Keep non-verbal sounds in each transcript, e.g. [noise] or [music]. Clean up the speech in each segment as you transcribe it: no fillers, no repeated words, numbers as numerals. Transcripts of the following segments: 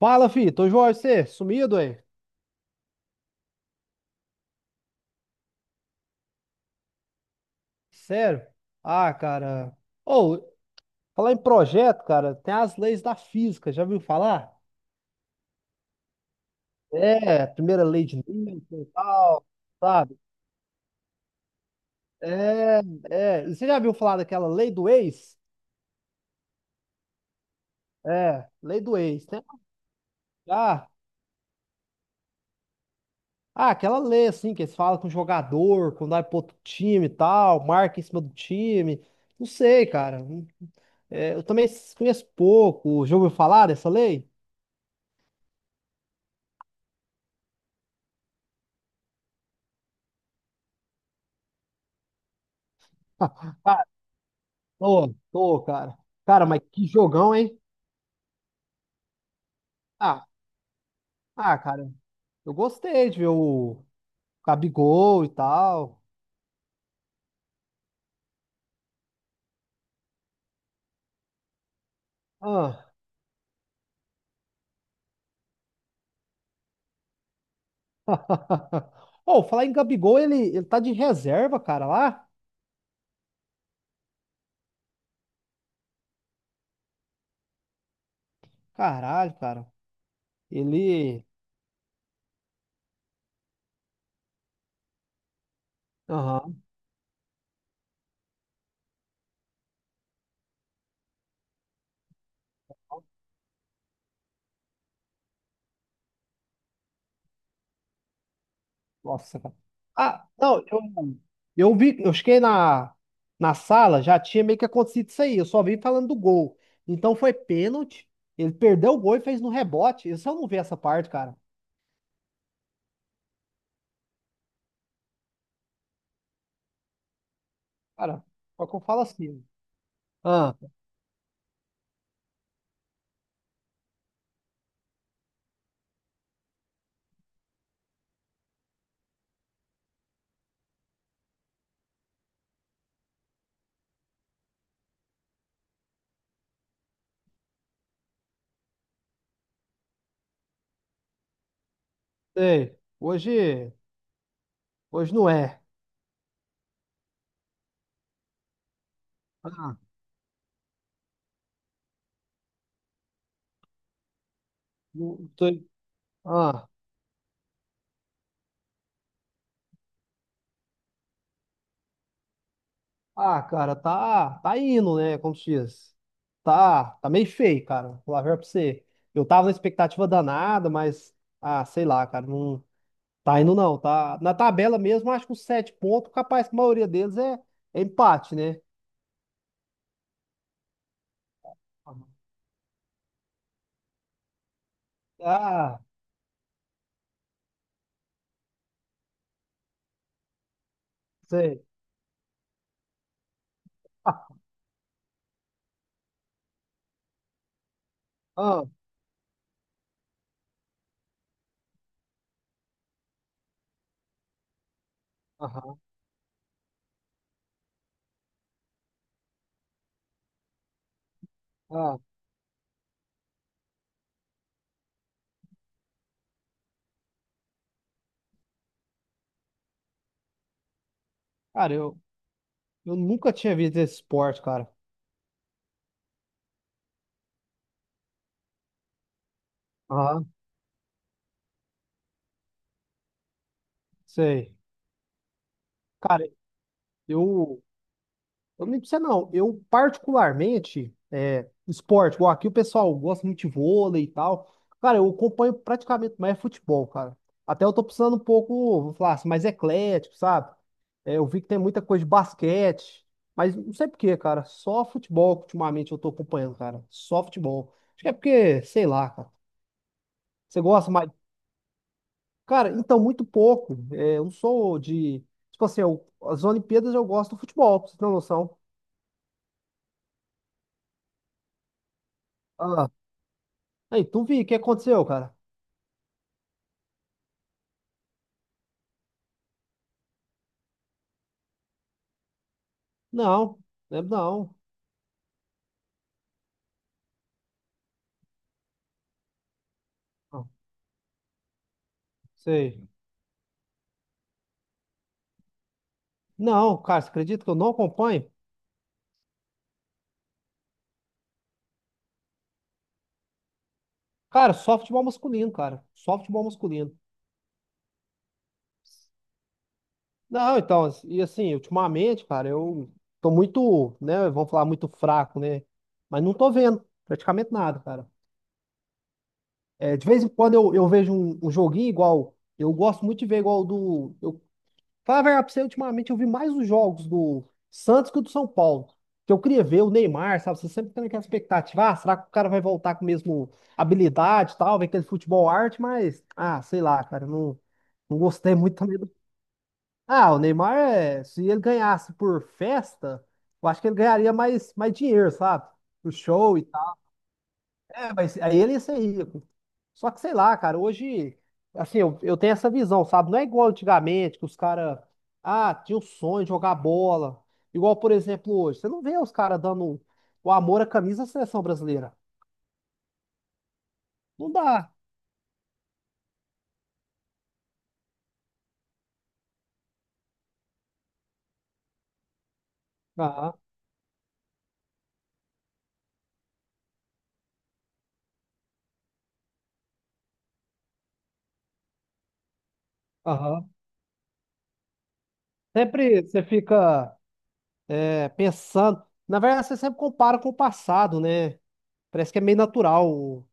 Fala, fi. Tô Jorge, você sumido aí? Sério? Ah, cara. Ou, falar em projeto, cara, tem as leis da física, já viu falar? É, primeira lei de Newton e tal, sabe? É, é. E você já viu falar daquela lei do ex? É, lei do ex, né? ah, aquela lei, assim, que eles falam com o jogador, quando vai pro outro time e tal, marca em cima do time. Não sei, cara. É, eu também conheço pouco. Já ouviu falar dessa lei? [laughs] Tô, tô, cara. Cara, mas que jogão, hein? Ah, ah, cara, eu gostei de ver o Gabigol e tal. Ah. [laughs] Ô, falar em Gabigol, ele tá de reserva, cara, lá? Caralho, cara. Ele. Aham. Nossa, cara. Ah, não, eu vi, eu cheguei na sala, já tinha meio que acontecido isso aí. Eu só vi falando do gol. Então foi pênalti. Ele perdeu o gol e fez no rebote. Eu só não vi essa parte, cara. Cara, só que eu falo assim. Ah, sei. Hoje não é. Ah, não tô- ah, cara, tá indo, né? Como se diz. Tá meio feio, cara. Vou lá ver verdade pra você. Eu tava na expectativa danada, mas, ah, sei lá, cara, não tá indo não, tá? Na tabela mesmo, acho que os 7 pontos, capaz que a maioria deles é empate, né? Ah, sei. Ah, aham, ah. Cara, eu nunca tinha visto esse esporte, cara. Aham, sei. Cara, eu, Eu não digo pra você não. Eu, particularmente, é, esporte, igual aqui o pessoal gosta muito de vôlei e tal. Cara, eu acompanho praticamente mais futebol, cara. Até eu tô precisando um pouco, vou falar assim, mais eclético, sabe? É, eu vi que tem muita coisa de basquete, mas não sei por quê, cara. Só futebol que ultimamente eu tô acompanhando, cara. Só futebol. Acho que é porque, sei lá, cara. Você gosta mais. Cara, então, muito pouco. É, eu não sou de. Tipo assim, as Olimpíadas eu gosto do futebol, pra você ter uma noção. Ah, aí, tu vi, o que aconteceu, cara? Não, lembro não. Não, sei. Não, cara, você acredita que eu não acompanho? Cara, só futebol masculino, cara. Só futebol masculino. Não, então, e assim, ultimamente, cara, eu tô muito, né, vamos falar, muito fraco, né? Mas não tô vendo praticamente nada, cara. É, de vez em quando eu vejo um joguinho igual, eu gosto muito de ver igual do, eu Falar a verdade pra você, ultimamente eu vi mais os jogos do Santos que o do São Paulo. Que eu queria ver o Neymar, sabe? Você sempre tem aquela expectativa, ah, será que o cara vai voltar com a mesma habilidade e tal, ver aquele futebol arte, mas, ah, sei lá, cara, eu não gostei muito também do... [laughs] Ah, o Neymar, é, se ele ganhasse por festa, eu acho que ele ganharia mais dinheiro, sabe? Pro show e tal. É, mas aí ele ia ser rico. Só que, sei lá, cara, hoje, assim, eu tenho essa visão, sabe? Não é igual antigamente, que os caras, ah, tinha o sonho de jogar bola. Igual, por exemplo, hoje. Você não vê os caras dando o amor à camisa da seleção brasileira. Não dá. Aham, aham. Sempre você fica é, pensando. Na verdade, você sempre compara com o passado, né? Parece que é meio natural.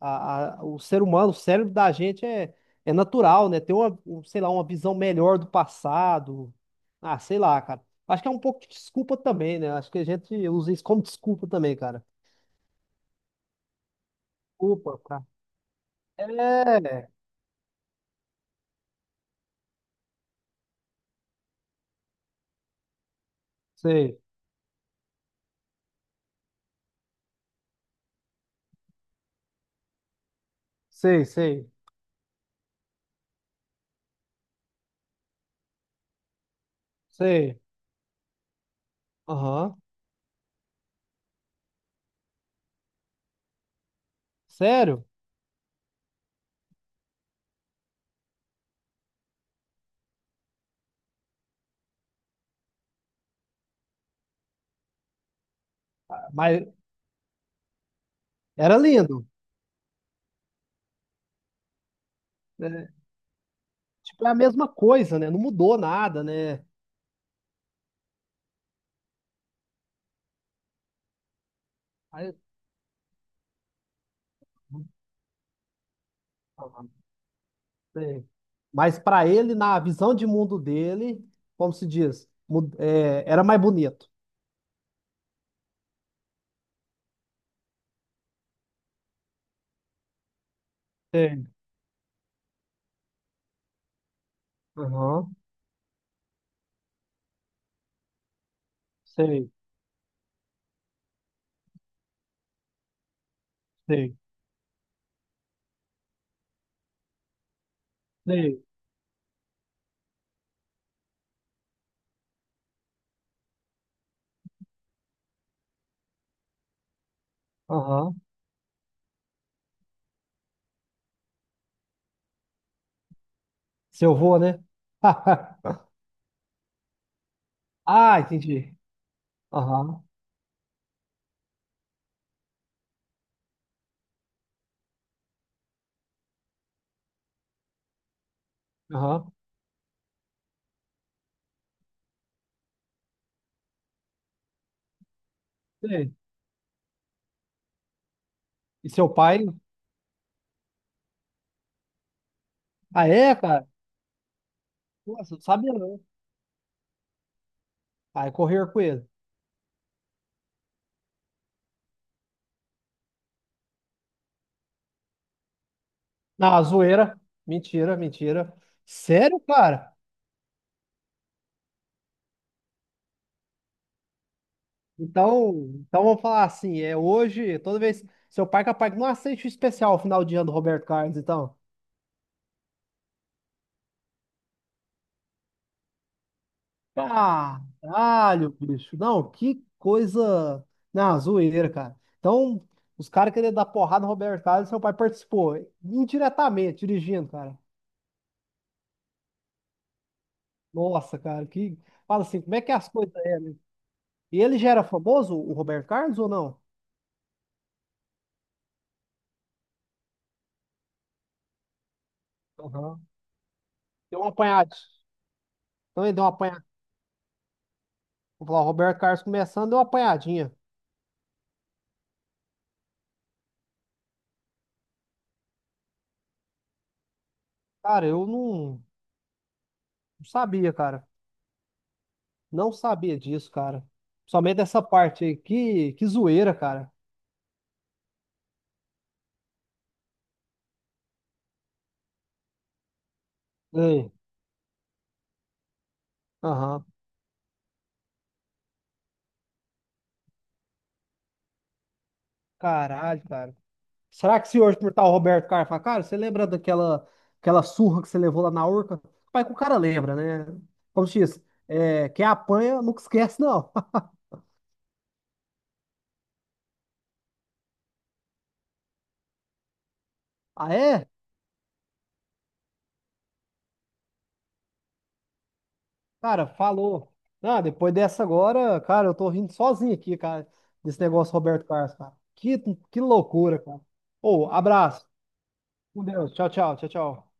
O ser humano, o cérebro da gente é natural, né? Ter sei lá, uma visão melhor do passado. Ah, sei lá, cara. Acho que é um pouco de desculpa também, né? Acho que a gente usa isso como desculpa também, cara. Desculpa, cara. É, sei, sei, sei, sei. Aham. Sério? Ah, mas era lindo, né? Tipo, é a mesma coisa, né? Não mudou nada, né? Aí- Sim. Mas para ele, na visão de mundo dele, como se diz, é, era mais bonito. Sei, aham, sei, sei, sei, aham, seu avô, né? [laughs] Ah, entendi. Aham, aham, sei. E seu pai? Ah, é, cara? Nossa, não sabia não. Aí correr com ele. Não, zoeira. Mentira, mentira. Sério, cara? Então, então vamos falar assim, é hoje, toda vez. Seu pai é capaz que não aceite o especial final de ano do Roberto Carlos, então. Caralho, bicho. Não, que coisa. Não, zoeira, cara. Então, os caras querendo dar porrada no Roberto Carlos, seu pai participou indiretamente, dirigindo, cara. Nossa, cara, que. Fala assim, como é que é as coisas. E ele já era famoso, o Roberto Carlos, ou não? Aham. Deu uma apanhadinha. Então ele deu uma apanhadinha. Vou falar, o Roberto Carlos começando, deu uma apanhadinha. Cara, eu não sabia, cara. Não sabia disso, cara. Somente dessa parte aí. Que zoeira, cara. Ei, aham. Caralho, cara. Será que se hoje por tal Roberto Carlos falar, cara, você lembra daquela aquela surra que você levou lá na Urca? Pai, que o cara lembra, né? Como se diz, é, quem apanha nunca esquece, não. [laughs] Ah, é? Cara, falou. Ah, depois dessa agora, cara, eu tô rindo sozinho aqui, cara, desse negócio Roberto Carlos, cara. Que loucura, cara. Ô, abraço. Com Deus. Tchau, tchau, tchau, tchau.